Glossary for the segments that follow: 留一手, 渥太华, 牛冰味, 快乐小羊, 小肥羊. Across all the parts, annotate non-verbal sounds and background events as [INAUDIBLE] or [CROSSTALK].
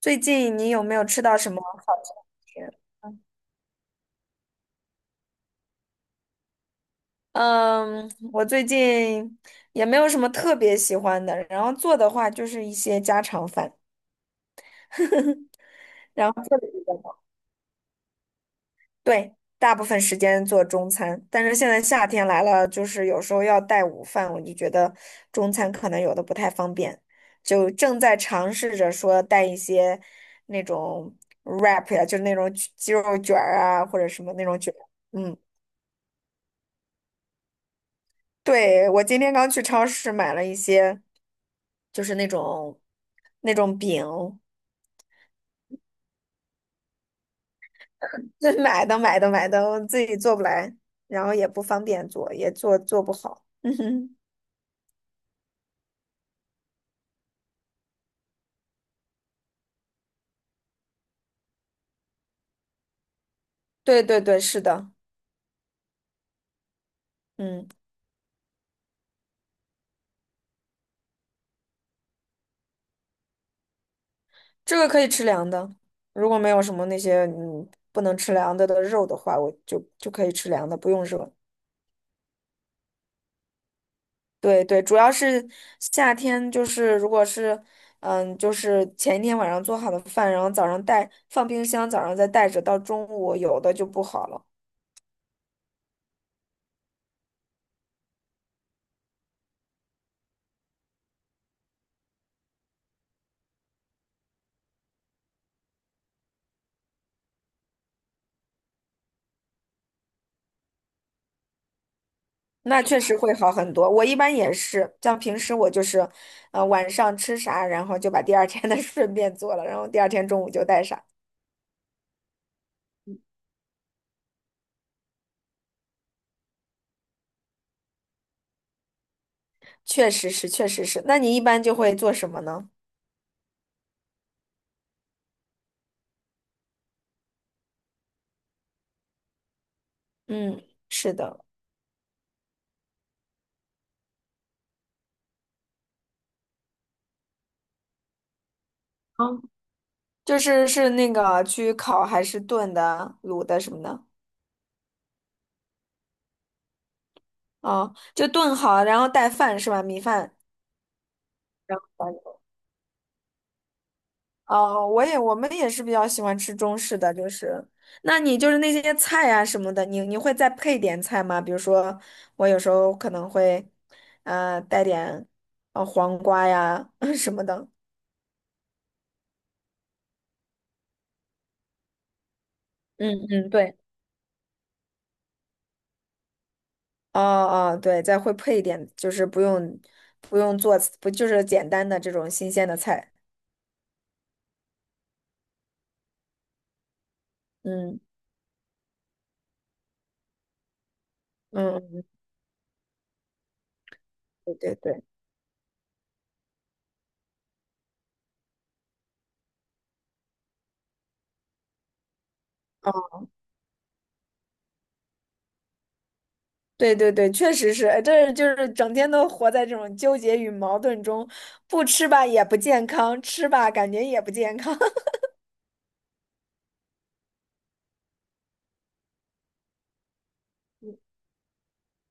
最近你有没有吃到什么好吃的东西？嗯，我最近也没有什么特别喜欢的，然后做的话就是一些家常饭，[LAUGHS] 然后做的比较多。对，大部分时间做中餐，但是现在夏天来了，就是有时候要带午饭，我就觉得中餐可能有的不太方便，就正在尝试着说带一些那种 wrap 呀，就是那种鸡肉卷儿啊，或者什么那种卷儿。嗯。对，我今天刚去超市买了一些，就是那种那种饼，[LAUGHS] 这买的买的买的，我自己做不来，然后也不方便做，也做做不好。[LAUGHS] 嗯哼。对对对，是的。嗯，这个可以吃凉的。如果没有什么那些不能吃凉的的肉的话，我就可以吃凉的，不用热。对对，主要是夏天，就是如果是，嗯，就是前一天晚上做好的饭，然后早上带，放冰箱，早上再带着，到中午有的就不好了。那确实会好很多。我一般也是，像平时我就是，晚上吃啥，然后就把第二天的 [LAUGHS] 顺便做了，然后第二天中午就带上。确实是，确实是。那你一般就会做什么呢？嗯，是的。嗯，就是是那个去烤还是炖的、卤的什么的。哦，就炖好，然后带饭是吧？米饭。然后哦，我也我们也是比较喜欢吃中式的，就是，那你就是那些菜呀什么的，你你会再配点菜吗？比如说，我有时候可能会，带点，黄瓜呀 [LAUGHS] 什么的。嗯嗯，对。哦哦，对，再会配一点，就是不用不用做，不就是简单的这种新鲜的菜。嗯嗯，对对对。哦对对对，确实是，哎这就是整天都活在这种纠结与矛盾中，不吃吧也不健康，吃吧感觉也不健康。[LAUGHS]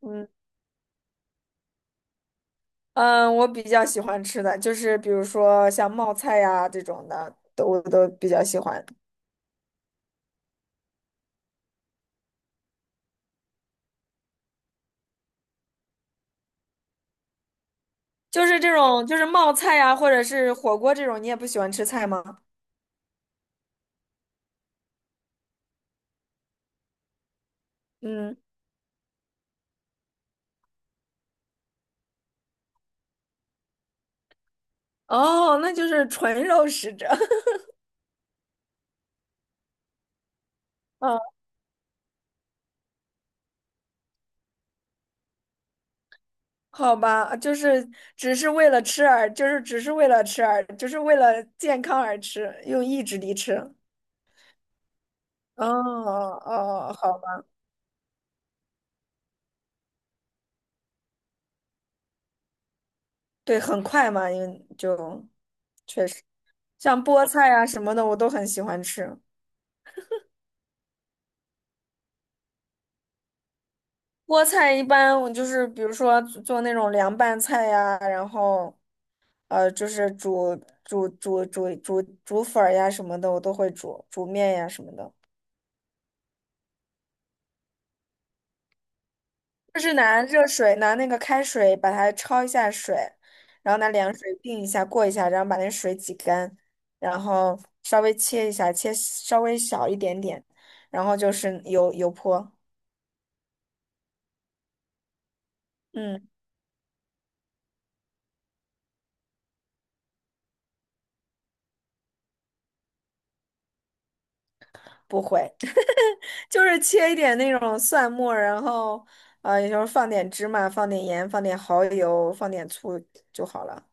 嗯嗯，我比较喜欢吃的就是比如说像冒菜呀、这种的，都我都比较喜欢。就是这种就是冒菜呀、或者是火锅这种，你也不喜欢吃菜吗？嗯。哦，那就是纯肉食者。[LAUGHS] 嗯，好吧，就是只是为了吃而，就是只是为了吃而，就是为了健康而吃，用意志力吃。哦哦，哦哦好吧。对，很快嘛，因为就像菠菜啊什么的，我都很喜欢吃。菠菜一般我就是比如说做那种凉拌菜呀，然后就是煮煮粉儿呀什么的，我都会煮煮面呀什么的。就是拿热水，拿那个开水把它焯一下水，然后拿凉水定一下，过一下，然后把那水挤干，然后稍微切一下，切稍微小一点点，然后就是油油泼。嗯，不会。[LAUGHS] 就是切一点那种蒜末，然后也就是放点芝麻，放点盐，放点蚝油，放点醋就好了。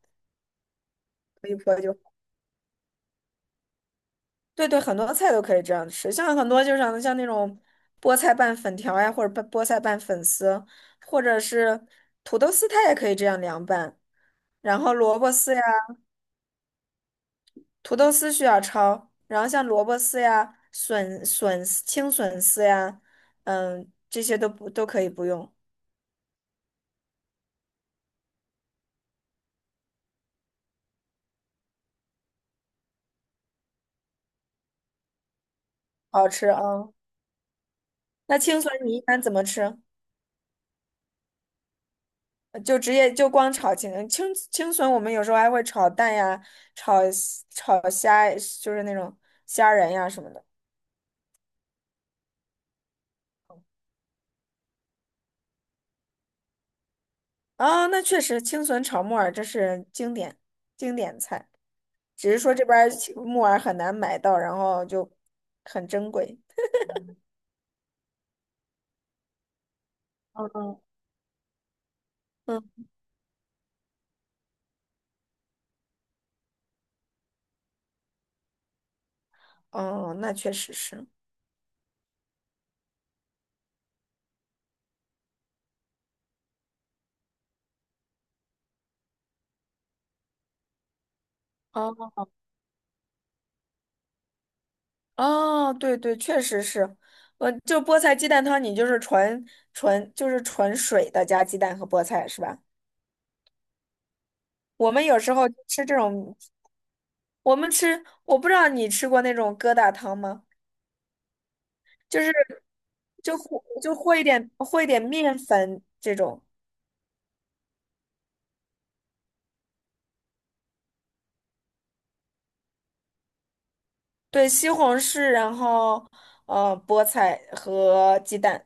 可以泼就对对，很多菜都可以这样吃，像很多就是像像那种菠菜拌粉条呀，或者拌菠菜拌粉丝，或者是土豆丝，它也可以这样凉拌。然后萝卜丝呀，土豆丝需要焯，然后像萝卜丝呀、笋丝青笋丝呀，嗯，这些都不都可以不用，好吃啊。那青笋你一般怎么吃？就直接就光炒青笋，我们有时候还会炒蛋呀，炒炒虾，就是那种虾仁呀什么的。啊、那确实青笋炒木耳这是经典经典菜，只是说这边儿青木耳很难买到，然后就很珍贵。嗯。嗯。哦，那确实是。哦哦，对对，确实是。我就菠菜鸡蛋汤，你就是纯就是纯水的加鸡蛋和菠菜是吧？我们有时候吃这种。我们吃，我不知道你吃过那种疙瘩汤吗？就是就和一点和一点面粉这种。对，西红柿，然后菠菜和鸡蛋。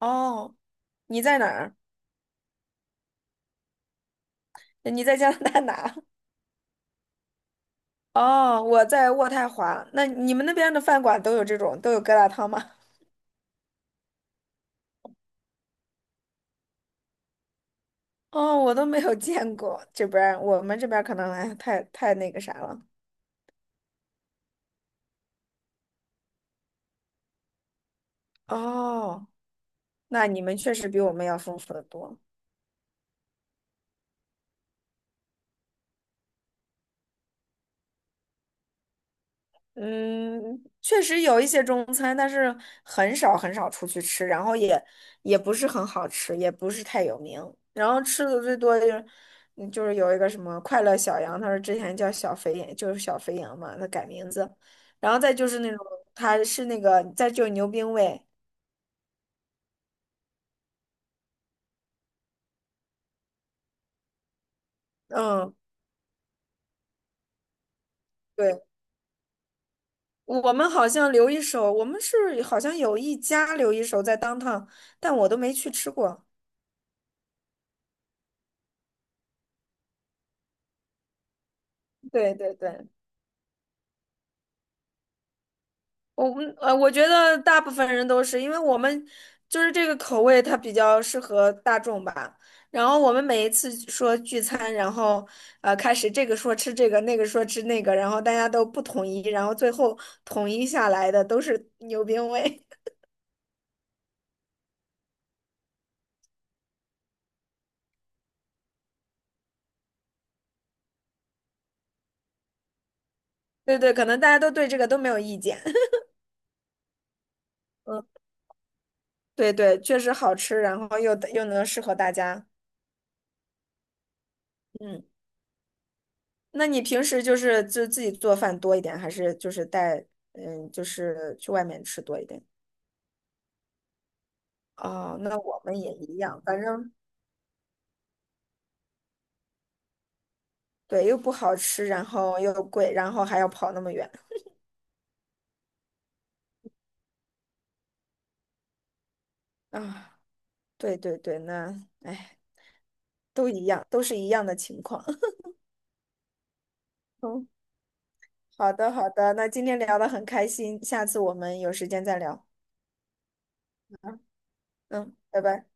哦，你在哪儿？你在加拿大哪？[LAUGHS] 哦，我在渥太华。那你们那边的饭馆都有这种都有疙瘩汤吗？[LAUGHS] 哦，我都没有见过，这边儿我们这边儿可能哎太太那个啥了。哦，那你们确实比我们要丰富的多。嗯，确实有一些中餐，但是很少很少出去吃，然后也也不是很好吃，也不是太有名。然后吃的最多就是，嗯就是有一个什么快乐小羊，他说之前叫小肥羊，就是小肥羊嘛，他改名字。然后再就是那种，他是那个，再就是牛冰味。嗯，对，我们好像留一手，我们是好像有一家留一手在当 o， 但我都没去吃过。对对对。我我觉得大部分人都是，因为我们就是这个口味，它比较适合大众吧。然后我们每一次说聚餐，然后开始这个说吃这个，那个说吃那个，然后大家都不统一，然后最后统一下来的都是 [LAUGHS] 牛鞭味。[LAUGHS] 对对，可能大家都对这个都没有意见。[LAUGHS] 嗯，对对，确实好吃，然后又又能适合大家。嗯，那你平时就是就自己做饭多一点，还是就是带嗯就是去外面吃多一点？哦，那我们也一样，反正对，又不好吃，然后又贵，然后还要跑那么远。啊！对对对，那哎，都一样，都是一样的情况。[LAUGHS] 嗯，好的好的，那今天聊得很开心，下次我们有时间再聊。嗯，拜拜。